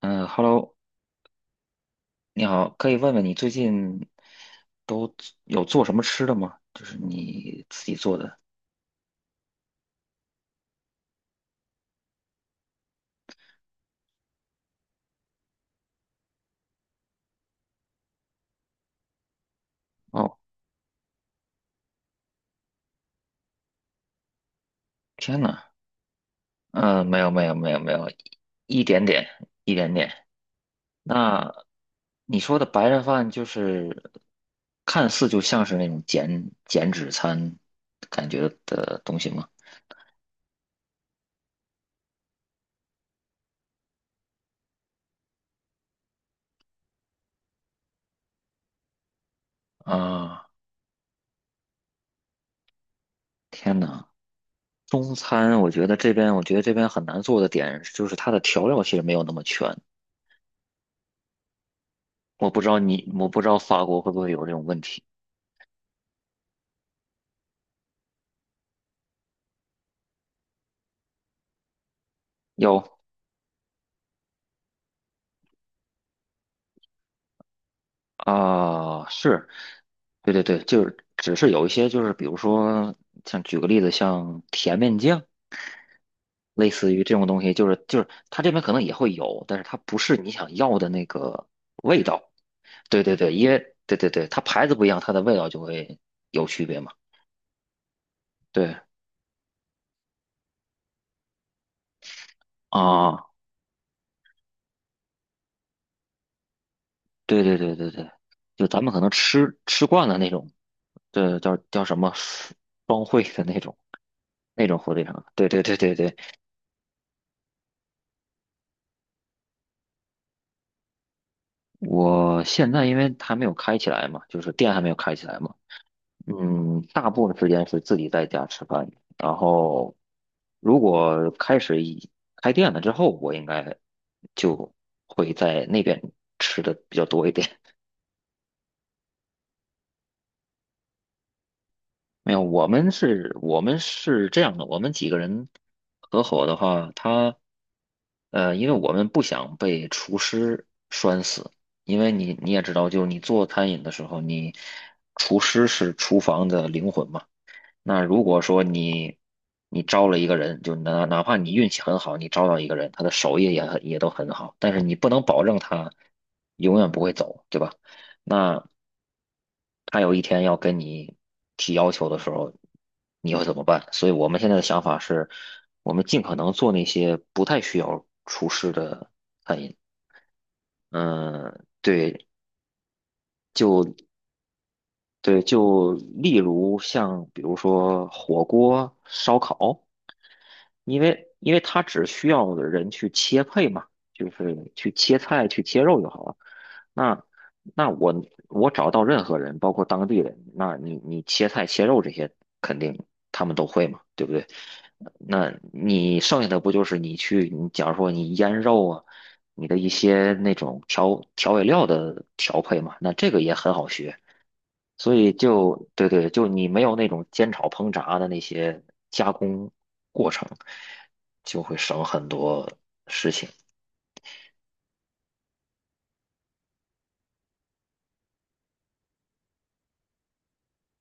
嗯，Hello，你好，可以问问你最近都做有做什么吃的吗？就是你自己做的。哦，天呐，嗯，没有没有没有没有，一点点一点点。那你说的白人饭看似就像是那种减脂餐感觉的东西吗？啊，天呐，中餐我觉得这边很难做的点就是它的调料其实没有那么全。我不知道法国会不会有这种问题。有啊，是，对对对，就是只是有一些，就是比如说，像举个例子，像甜面酱，类似于这种东西，就是它这边可能也会有，但是它不是你想要的那个味道。对对对，因为对对对，它牌子不一样，它的味道就会有区别嘛。对啊，对对对对对，就咱们可能吃惯了那种，这叫什么双汇的那种火腿肠。对对对对对，我现在因为还没有开起来嘛，就是店还没有开起来嘛，嗯，大部分时间是自己在家吃饭。然后如果开始开店了之后，我应该就会在那边吃的比较多一点。没有，我们是这样的，我们几个人合伙的话，因为我们不想被厨师拴死，因为你也知道，就是你做餐饮的时候，厨师是厨房的灵魂嘛。那如果说你招了一个人，就哪怕你运气很好，你招到一个人，他的手艺也都很好，但是你不能保证他永远不会走，对吧？那他有一天要跟你提要求的时候，你会怎么办？所以我们现在的想法是，我们尽可能做那些不太需要厨师的餐饮。嗯，对对，就例如像比如说火锅、烧烤。因为它只需要人去切配嘛，就是去切菜、去切肉就好了。那那我找到任何人，包括当地人，那你切菜切肉这些肯定他们都会嘛，对不对？那你剩下的不就是你假如说你腌肉啊，你的一些那种调味料的调配嘛，那这个也很好学。所以就对对，就你没有那种煎炒烹炸的那些加工过程，就会省很多事情。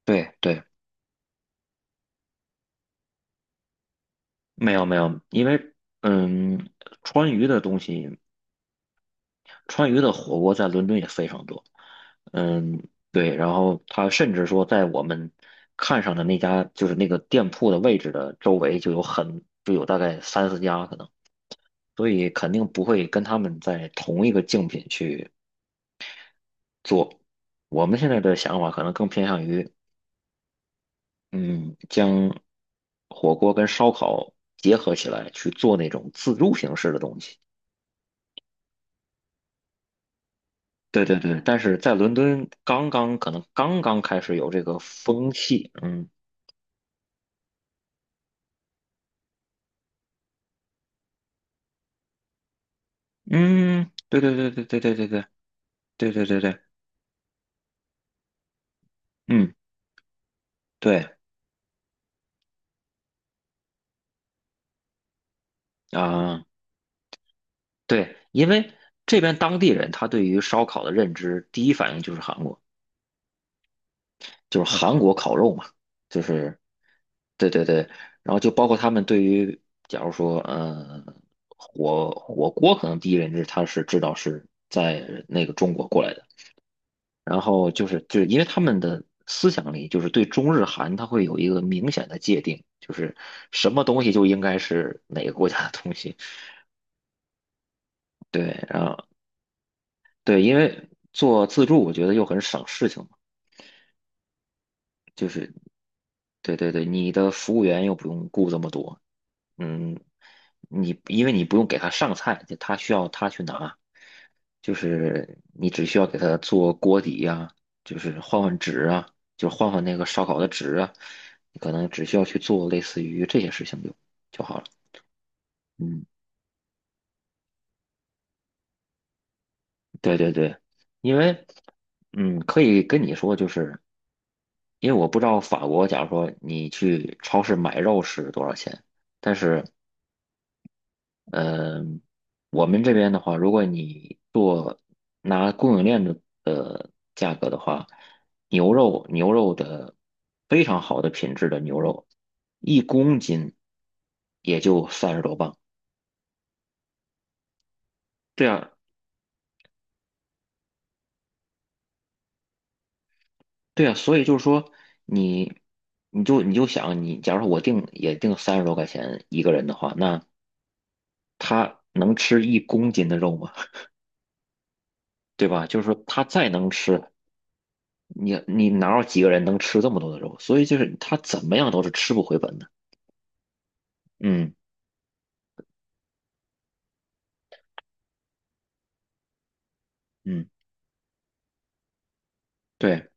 对对，没有没有，因为嗯，川渝的东西，川渝的火锅在伦敦也非常多。嗯，对，然后他甚至说，在我们看上的那家就是那个店铺的位置的周围，就有大概三四家可能，所以肯定不会跟他们在同一个竞品去做。我们现在的想法可能更偏向于，嗯，将火锅跟烧烤结合起来去做那种自助形式的东西。对对对，但是在伦敦可能刚刚开始有这个风气，嗯嗯，对对对对对对对对对对对对，嗯对啊、对，因为这边当地人他对于烧烤的认知，第一反应就是韩国。就是韩国烤肉嘛，就是对对对，然后就包括他们对于，假如说，火锅可能第一认知他是知道是在那个中国过来的，然后就是因为他们的思想里就是对中日韩它会有一个明显的界定，就是什么东西就应该是哪个国家的东西，对，然后对，因为做自助我觉得又很省事情嘛，就是对对对，你的服务员又不用雇这么多，嗯，你因为你不用给他上菜，就他需要他去拿，就是你只需要给他做锅底呀、就是换换纸啊，就换换那个烧烤的纸啊，你可能只需要去做类似于这些事情就好了。嗯，对对对，因为嗯，可以跟你说，就是因为我不知道法国，假如说你去超市买肉是多少钱，但是嗯，我们这边的话，如果你做拿供应链的价格的话，牛肉的非常好的品质的牛肉，一公斤也就30多磅。对啊，对啊，所以就是说你你就想，假如说我定也定30多块钱一个人的话，那他能吃一公斤的肉吗？对吧？就是说他再能吃，你哪有几个人能吃这么多的肉？所以就是他怎么样都是吃不回本的。嗯嗯，对，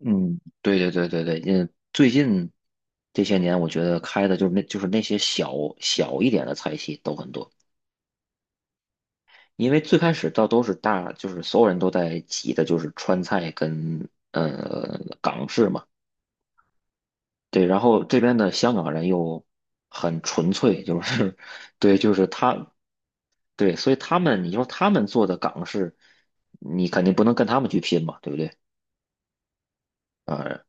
嗯对对对对对，嗯，最近这些年我觉得开的就是就是那些小小一点的菜系都很多，因为最开始倒都是大，就是所有人都在挤的就是川菜跟港式嘛，对，然后这边的香港人又很纯粹，就是 对，就是他。对，所以他们，你说他们做的港式，你肯定不能跟他们去拼嘛，对不对？啊，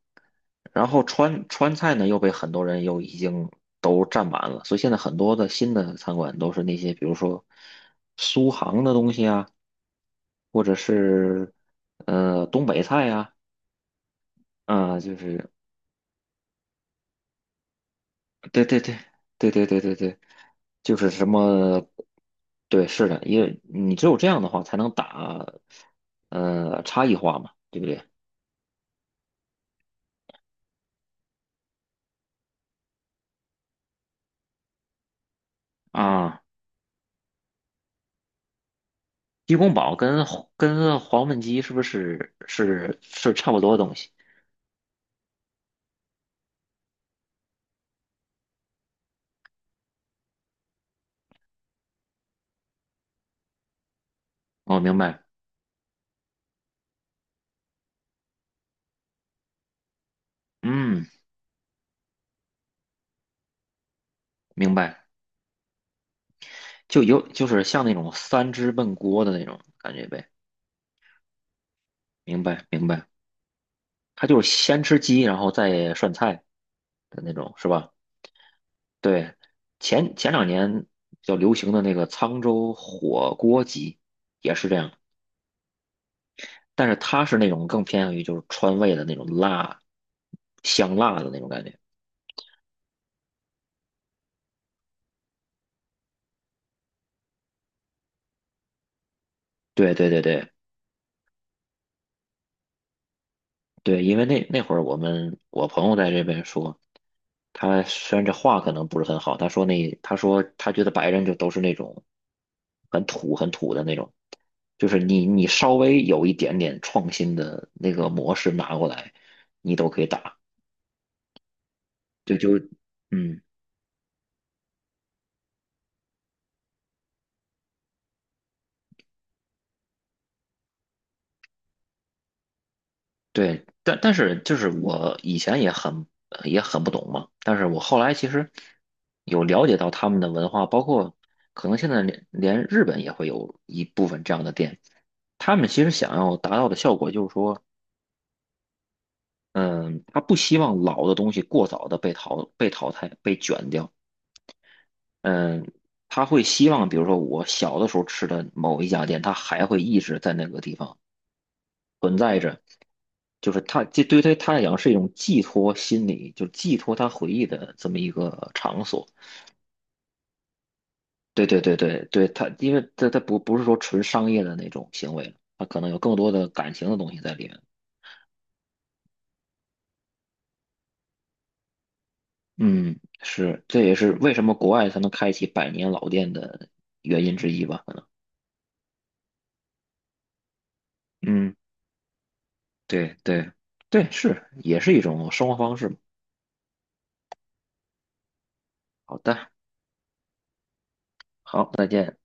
然后川菜呢，又被很多人又已经都占满了，所以现在很多的新的餐馆都是那些，比如说苏杭的东西啊，或者是东北菜呀、啊，就是对对对对对对对对，就是什么，对，是的，因为你只有这样的话，才能打差异化嘛，对不对？啊，鸡公煲跟黄焖鸡是不是差不多的东西？哦，明白，嗯，明白，就是像那种三汁焖锅的那种感觉呗，明白明白，它就是先吃鸡，然后再涮菜的那种，是吧？对，前两年比较流行的那个沧州火锅鸡也是这样，但是它是那种更偏向于就是川味的那种辣，香辣的那种感觉。对对对对，对，因为那会儿我朋友在这边说，他虽然这话可能不是很好，他说他觉得白人就都是那种很土很土的那种，就是你稍微有一点点创新的那个模式拿过来，你都可以打，就就嗯。对，但是就是我以前也很不懂嘛，但是我后来其实有了解到他们的文化，包括可能现在连日本也会有一部分这样的店，他们其实想要达到的效果就是说，嗯，他不希望老的东西过早的被淘汰被卷掉，嗯，他会希望比如说我小的时候吃的某一家店，它还会一直在那个地方存在着。就是对于他来讲是一种寄托心理，就是寄托他回忆的这么一个场所。对对对对对，他因为他不是说纯商业的那种行为了，他可能有更多的感情的东西在里面。嗯，是，这也是为什么国外才能开启百年老店的原因之一吧？可能。嗯，对对对，是，也是一种生活方式嘛，好的，好，再见。